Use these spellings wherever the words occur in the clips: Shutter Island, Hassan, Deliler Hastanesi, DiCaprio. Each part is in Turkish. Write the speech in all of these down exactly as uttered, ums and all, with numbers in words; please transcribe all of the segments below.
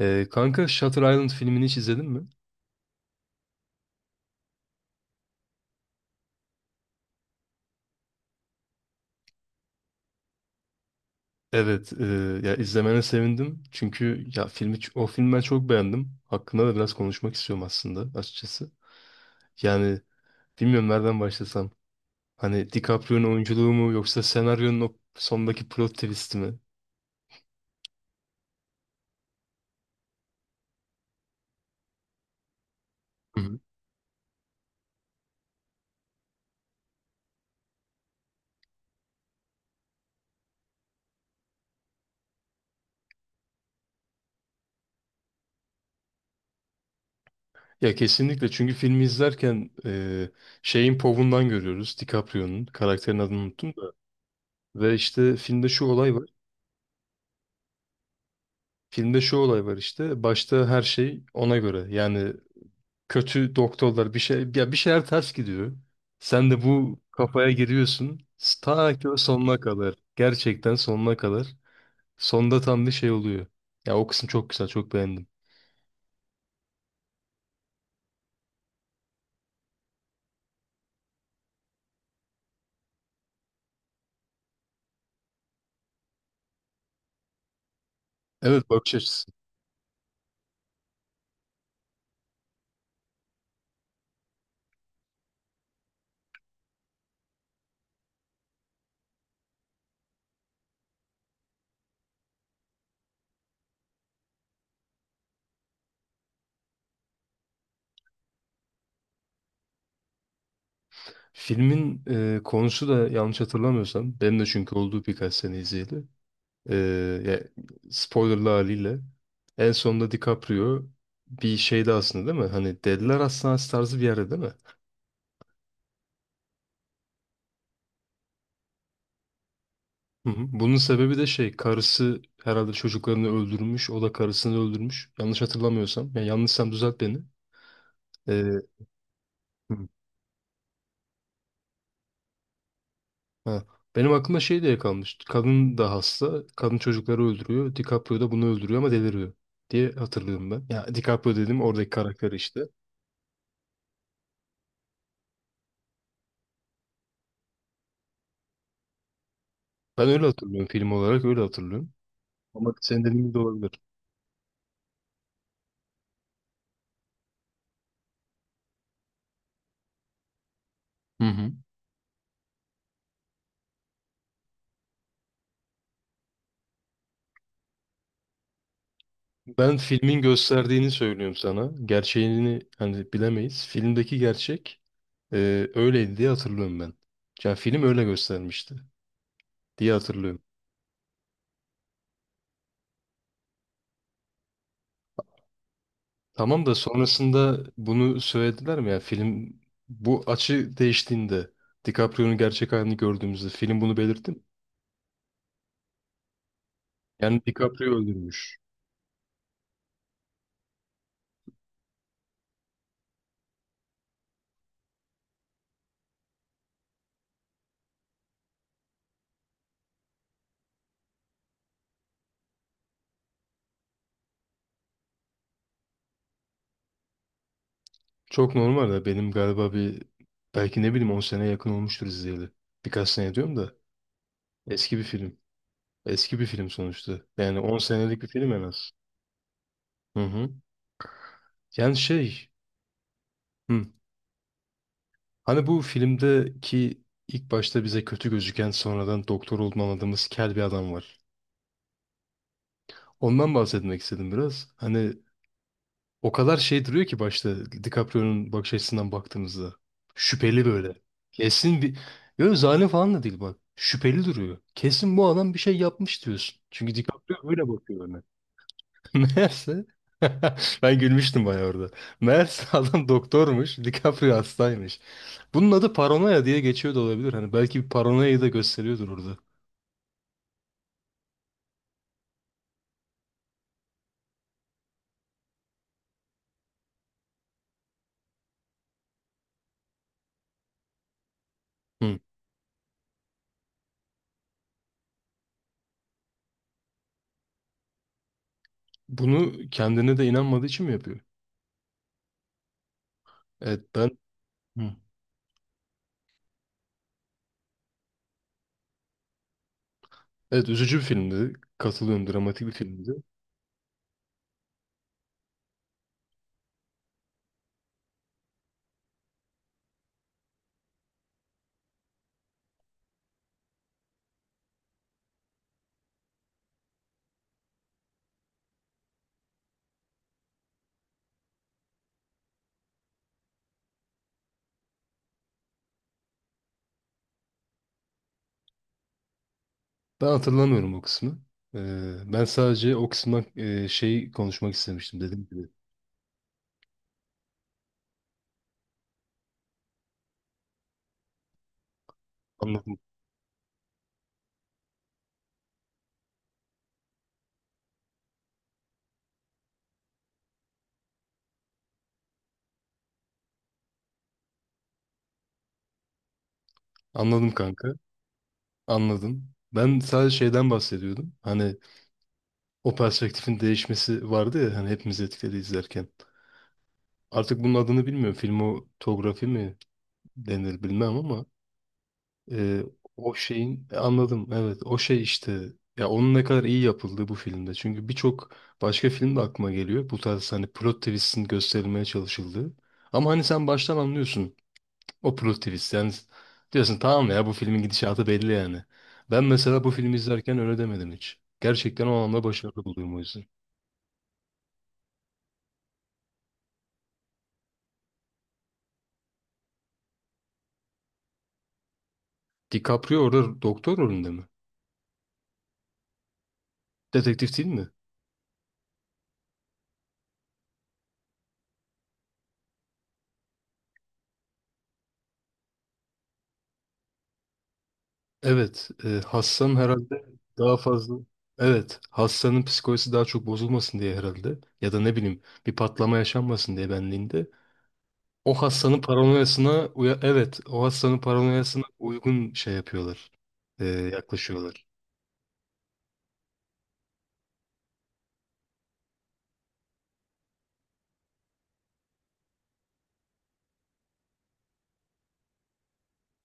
Ee, kanka Shutter Island filmini hiç izledin mi? Evet, e, ya izlemene sevindim. Çünkü ya filmi o filmi ben çok beğendim. Hakkında da biraz konuşmak istiyorum aslında açıkçası. Yani bilmiyorum nereden başlasam. Hani DiCaprio'nun oyunculuğu mu yoksa senaryonun o sondaki plot twist'i mi? Hı hı. Ya kesinlikle çünkü filmi izlerken e, şeyin povundan görüyoruz DiCaprio'nun karakterin adını unuttum da ve işte filmde şu olay var filmde şu olay var işte başta her şey ona göre yani kötü doktorlar bir şey ya bir şeyler ters gidiyor. Sen de bu kafaya giriyorsun. Ta ki o sonuna kadar. Gerçekten sonuna kadar. Sonda tam bir şey oluyor. Ya o kısım çok güzel, çok beğendim. Evet, bakış açısı. Filmin e, konusu da yanlış hatırlamıyorsam benim de çünkü olduğu birkaç sene izleyeli. E, ya, spoilerlı haliyle en sonunda DiCaprio bir şeyde aslında değil mi? Hani Deliler Hastanesi tarzı bir yerde değil mi? Hı hı. Bunun sebebi de şey, karısı herhalde çocuklarını öldürmüş. O da karısını öldürmüş. Yanlış hatırlamıyorsam. Yani yanlışsam düzelt beni. Ee, hı. Ha. Benim aklıma şey diye kalmış. Kadın da hasta. Kadın çocukları öldürüyor. DiCaprio da bunu öldürüyor ama deliriyor diye hatırlıyorum ben. Ya DiCaprio dedim, oradaki karakter işte. Ben öyle hatırlıyorum, film olarak öyle hatırlıyorum. Ama senin dediğin gibi de olabilir. Hı hı. Ben filmin gösterdiğini söylüyorum sana. Gerçeğini hani bilemeyiz. Filmdeki gerçek Ee, öyleydi diye hatırlıyorum ben. Yani film öyle göstermişti diye hatırlıyorum. Tamam da sonrasında bunu söylediler mi? Yani film, bu açı değiştiğinde, DiCaprio'nun gerçek halini gördüğümüzde, film bunu belirtti mi? Yani DiCaprio öldürmüş. Çok normal de benim galiba bir, belki ne bileyim on sene yakın olmuştur izleyeli. Birkaç sene diyorum da eski bir film. Eski bir film sonuçta. Yani on senelik bir film en az. Hı hı. Yani şey, hı. Hani bu filmdeki ilk başta bize kötü gözüken, sonradan doktor olduğunu anladığımız kel bir adam var. Ondan bahsetmek istedim biraz. Hani o kadar şey duruyor ki başta, DiCaprio'nun bakış açısından baktığımızda. Şüpheli böyle. Kesin bir... Yok, zalim falan da değil bak. Şüpheli duruyor. Kesin bu adam bir şey yapmış diyorsun. Çünkü DiCaprio öyle bakıyor. Meğerse ben gülmüştüm bayağı orada. Meğerse adam doktormuş, DiCaprio hastaymış. Bunun adı paranoya diye geçiyor da olabilir. Hani belki bir paranoyayı da gösteriyordur orada. Hı. Bunu kendine de inanmadığı için mi yapıyor? Evet ben. Hı. Evet, üzücü bir filmdi. Katılıyorum, dramatik bir filmdi. Ben hatırlamıyorum o kısmı. Ee, ben sadece o kısımdan e, şey konuşmak istemiştim dedim gibi. Anladım. Anladım kanka. Anladım. Ben sadece şeyden bahsediyordum. Hani o perspektifin değişmesi vardı ya, hani hepimiz etkiledi izlerken. Artık bunun adını bilmiyorum. Filmotografi mi denir bilmem ama e, o şeyin e, anladım. Evet, o şey işte, ya onun ne kadar iyi yapıldığı bu filmde. Çünkü birçok başka film de aklıma geliyor. Bu tarz hani plot twist'in gösterilmeye çalışıldığı. Ama hani sen baştan anlıyorsun. O plot twist yani, diyorsun tamam ya bu filmin gidişatı belli yani. Ben mesela bu filmi izlerken öyle demedim hiç. Gerçekten o anlamda başarılı buluyorum o yüzden. DiCaprio orada doktor rolünde mi? Detektif değil mi? Evet. e, Hassan herhalde daha fazla... Evet. Hassan'ın psikolojisi daha çok bozulmasın diye herhalde. Ya da ne bileyim, bir patlama yaşanmasın diye benliğinde. O Hassan'ın paranoyasına... uya- Evet. O Hassan'ın paranoyasına uygun şey yapıyorlar. e, yaklaşıyorlar.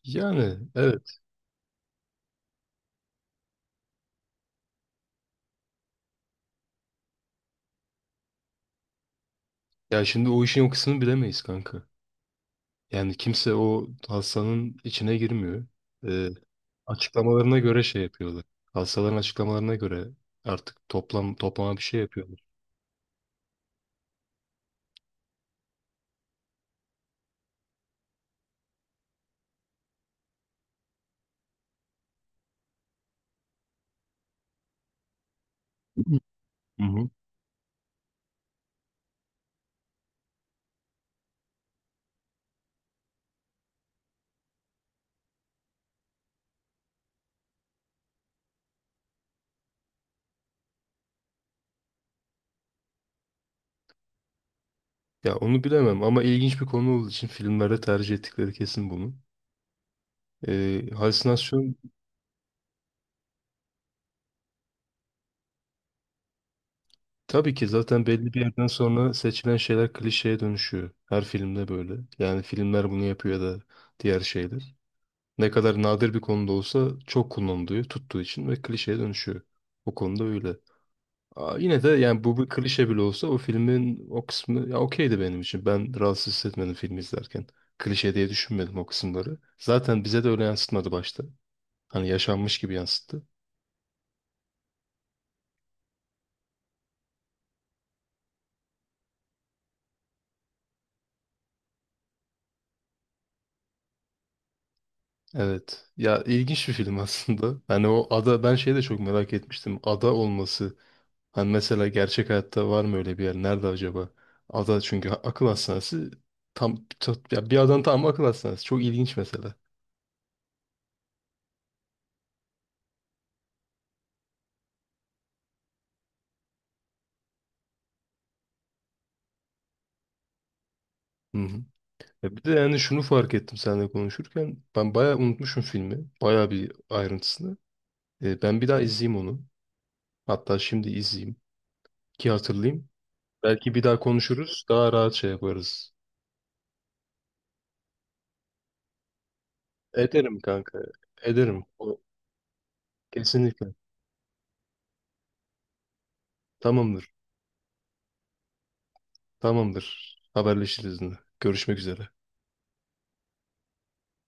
Yani evet. Ya şimdi o işin o kısmını bilemeyiz kanka. Yani kimse o hastanın içine girmiyor. Ee, açıklamalarına göre şey yapıyorlar. Hastaların açıklamalarına göre artık toplam toplama bir şey yapıyorlar. Hı hı. Ya onu bilemem ama ilginç bir konu olduğu için filmlerde tercih ettikleri kesin bunu. Ee, halüsinasyon tabii ki, zaten belli bir yerden sonra seçilen şeyler klişeye dönüşüyor. Her filmde böyle. Yani filmler bunu yapıyor ya da diğer şeyler. Ne kadar nadir bir konuda olsa çok kullanılıyor, tuttuğu için, ve klişeye dönüşüyor. O konuda öyle. Aa, yine de yani bu bir klişe bile olsa o filmin o kısmı ya okeydi benim için. Ben rahatsız hissetmedim filmi izlerken. Klişe diye düşünmedim o kısımları. Zaten bize de öyle yansıtmadı başta. Hani yaşanmış gibi yansıttı. Evet. Ya ilginç bir film aslında. Hani o ada, ben şeyi de çok merak etmiştim. Ada olması. Hani mesela gerçek hayatta var mı öyle bir yer? Nerede acaba? Ada çünkü ha- akıl hastanesi tam çat- ya bir adam tam akıl hastanesi. Çok ilginç mesela. Hı hı. Ya bir de yani şunu fark ettim seninle konuşurken. Ben bayağı unutmuşum filmi. Bayağı bir ayrıntısını. E, ben bir daha izleyeyim onu. Hatta şimdi izleyeyim ki hatırlayayım. Belki bir daha konuşuruz. Daha rahat şey yaparız. Ederim kanka. Ederim. O- Kesinlikle. Tamamdır. Tamamdır. Haberleşiriz yine. Görüşmek üzere.